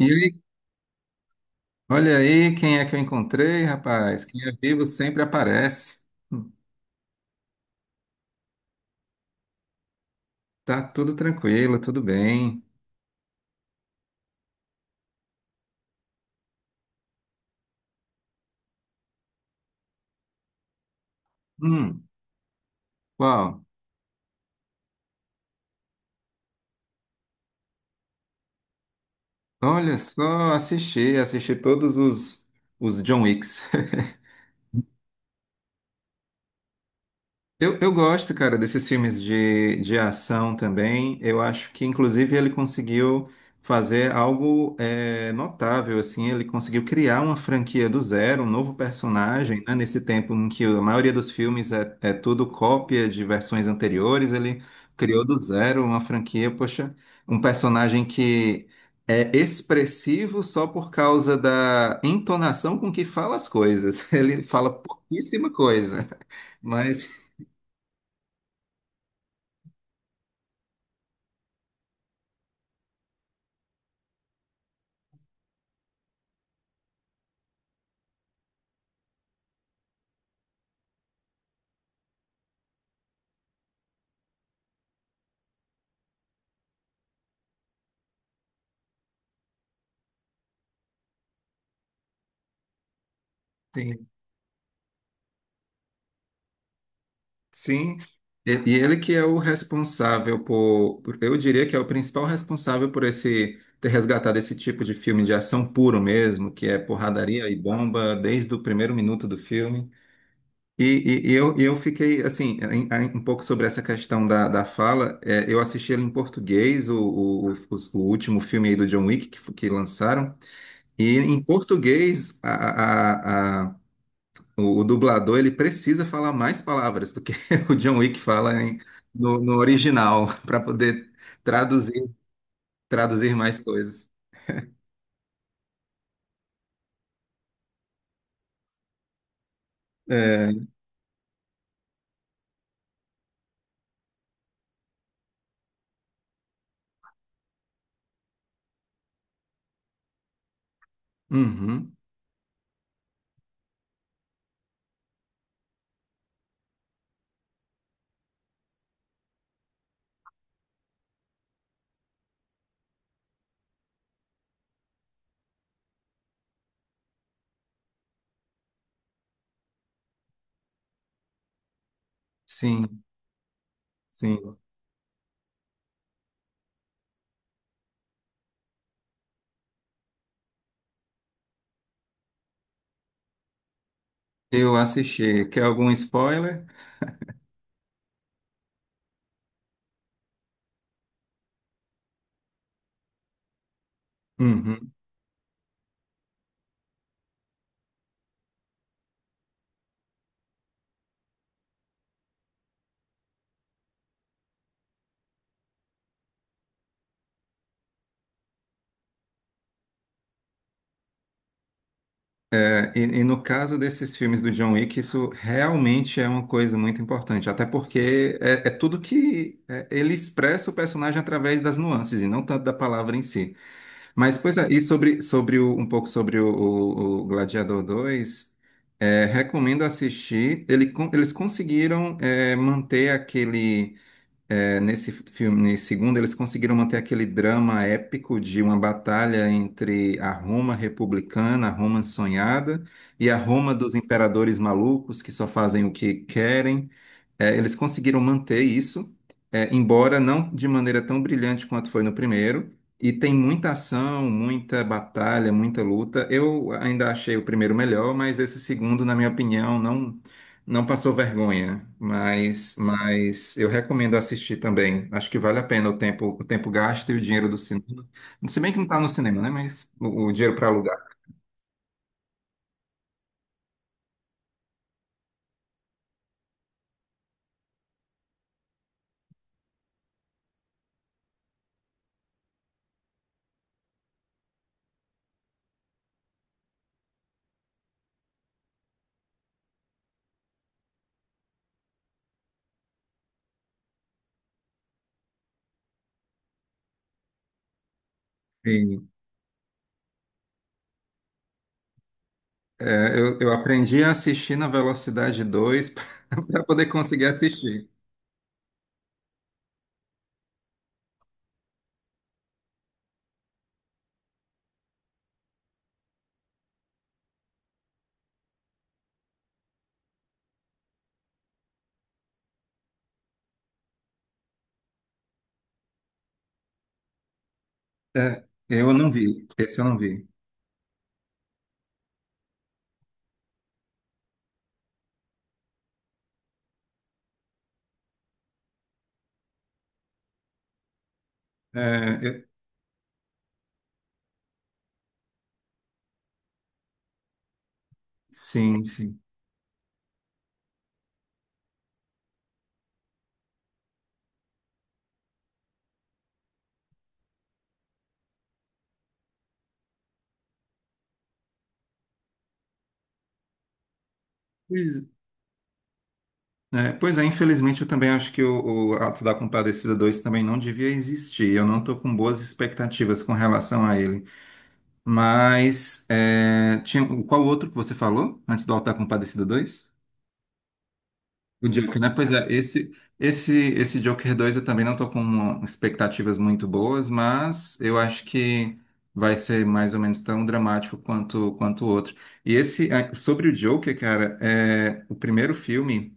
E aí, olha aí quem é que eu encontrei, rapaz. Quem é vivo sempre aparece. Tá tudo tranquilo, tudo bem. Hum, qual? Olha só, assisti, assisti todos os John Wicks. Eu gosto, cara, desses filmes de ação também. Eu acho que, inclusive, ele conseguiu fazer algo notável, assim. Ele conseguiu criar uma franquia do zero, um novo personagem, né? Nesse tempo em que a maioria dos filmes é tudo cópia de versões anteriores, ele criou do zero uma franquia, poxa, um personagem que é expressivo só por causa da entonação com que fala as coisas. Ele fala pouquíssima coisa, mas... Sim, e ele que é o responsável por, eu diria que é o principal responsável por esse ter resgatado esse tipo de filme de ação puro mesmo, que é porradaria e bomba desde o primeiro minuto do filme. E eu fiquei assim, um pouco sobre essa questão da fala. Eu assisti ele em português, o último filme aí do John Wick que lançaram. E em português, o dublador ele precisa falar mais palavras do que o John Wick fala no original para poder traduzir traduzir mais coisas. É, uhum, sim, sim. Eu assisti. Quer algum spoiler? Uhum. É, e no caso desses filmes do John Wick, isso realmente é uma coisa muito importante, até porque é tudo que é, ele expressa o personagem através das nuances e não tanto da palavra em si. Mas, pois é, e um pouco sobre o Gladiador 2, é, recomendo assistir. Eles conseguiram manter aquele. Nesse filme, nesse segundo, eles conseguiram manter aquele drama épico de uma batalha entre a Roma republicana, a Roma sonhada, e a Roma dos imperadores malucos que só fazem o que querem. É, eles conseguiram manter isso, embora não de maneira tão brilhante quanto foi no primeiro. E tem muita ação, muita batalha, muita luta. Eu ainda achei o primeiro melhor, mas esse segundo, na minha opinião, não passou vergonha. Mas eu recomendo assistir também. Acho que vale a pena o tempo gasto e o dinheiro do cinema. Se bem que não está no cinema, né? Mas o dinheiro para alugar. E, eu aprendi a assistir na velocidade 2 para poder conseguir assistir. É, eu não vi, esse eu não vi. É, eu- sim, sim. Pois Pois é, infelizmente eu também acho que o Ato da Compadecida dois também não devia existir. Eu não estou com boas expectativas com relação a ele. Mas é, tinha, qual outro que você falou antes do Ato da Compadecida dois? O Joker, né? Pois é, esse Joker 2 eu também não tô com expectativas muito boas, mas eu acho que vai ser mais ou menos tão dramático quanto o outro. E esse, ah, sobre o Joker, cara, é, o primeiro filme.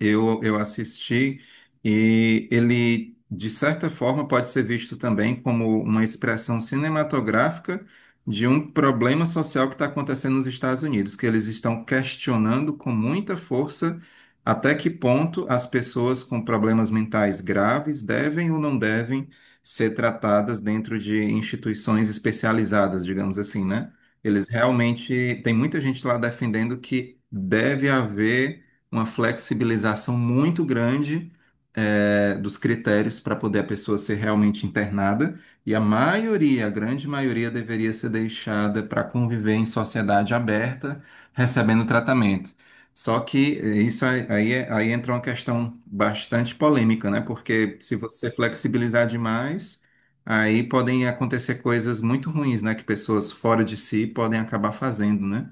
Eu assisti e ele, de certa forma, pode ser visto também como uma expressão cinematográfica de um problema social que está acontecendo nos Estados Unidos, que eles estão questionando com muita força até que ponto as pessoas com problemas mentais graves devem ou não devem ser tratadas dentro de instituições especializadas, digamos assim, né? Eles realmente, tem muita gente lá defendendo que deve haver uma flexibilização muito grande dos critérios para poder a pessoa ser realmente internada, e a maioria, a grande maioria, deveria ser deixada para conviver em sociedade aberta, recebendo tratamento. Só que isso aí, aí entra uma questão bastante polêmica, né? Porque se você flexibilizar demais, aí podem acontecer coisas muito ruins, né? Que pessoas fora de si podem acabar fazendo, né?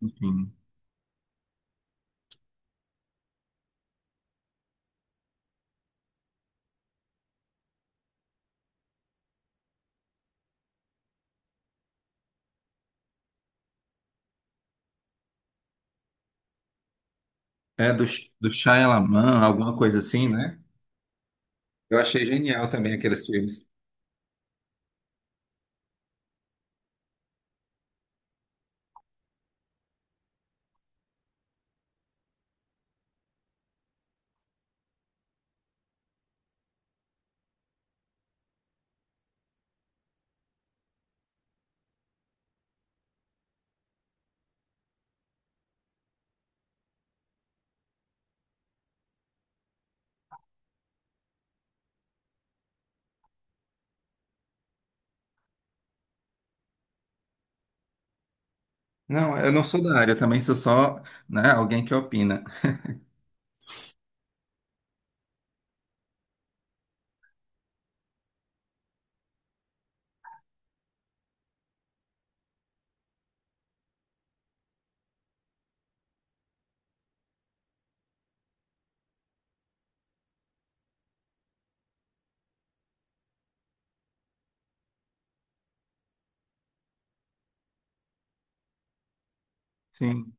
Enfim. É do Shyamalan, alguma coisa assim, né? Eu achei genial também aqueles filmes. Não, eu não sou da área, eu também sou só, né, alguém que opina. Sim.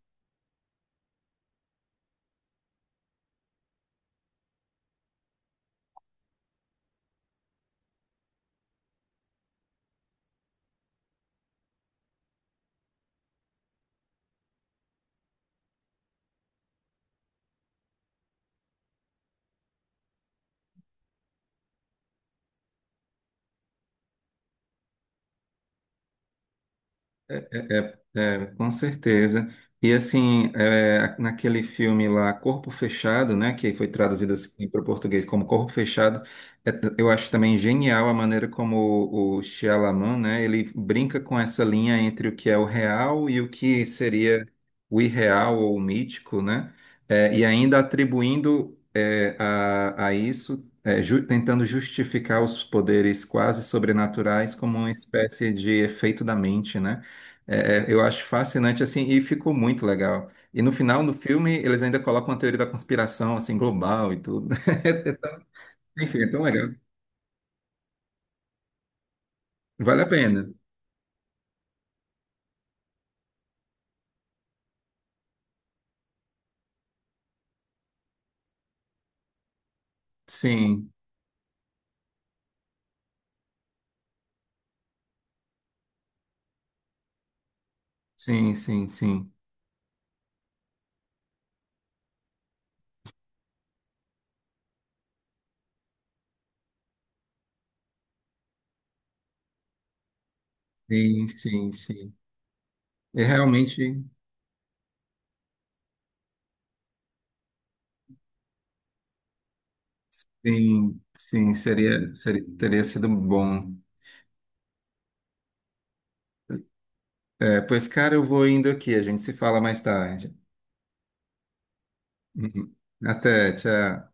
É, É, com certeza. E assim, é, naquele filme lá, Corpo Fechado, né, que foi traduzido assim para o português como Corpo Fechado, é, eu acho também genial a maneira como o Shyamalan, né, ele brinca com essa linha entre o que é o real e o que seria o irreal ou o mítico, né, é, e ainda atribuindo é, a isso, é, tentando justificar os poderes quase sobrenaturais como uma espécie de efeito da mente, né? Eu acho fascinante assim e ficou muito legal. E no final do filme eles ainda colocam uma teoria da conspiração assim global e tudo. Enfim, é tão legal. Vale a pena. Sim, sim, sim, sim, sim. E realmente, sim, seria, teria sido bom. É, pois, cara, eu vou indo aqui. A gente se fala mais tarde. Uhum. Até, tchau.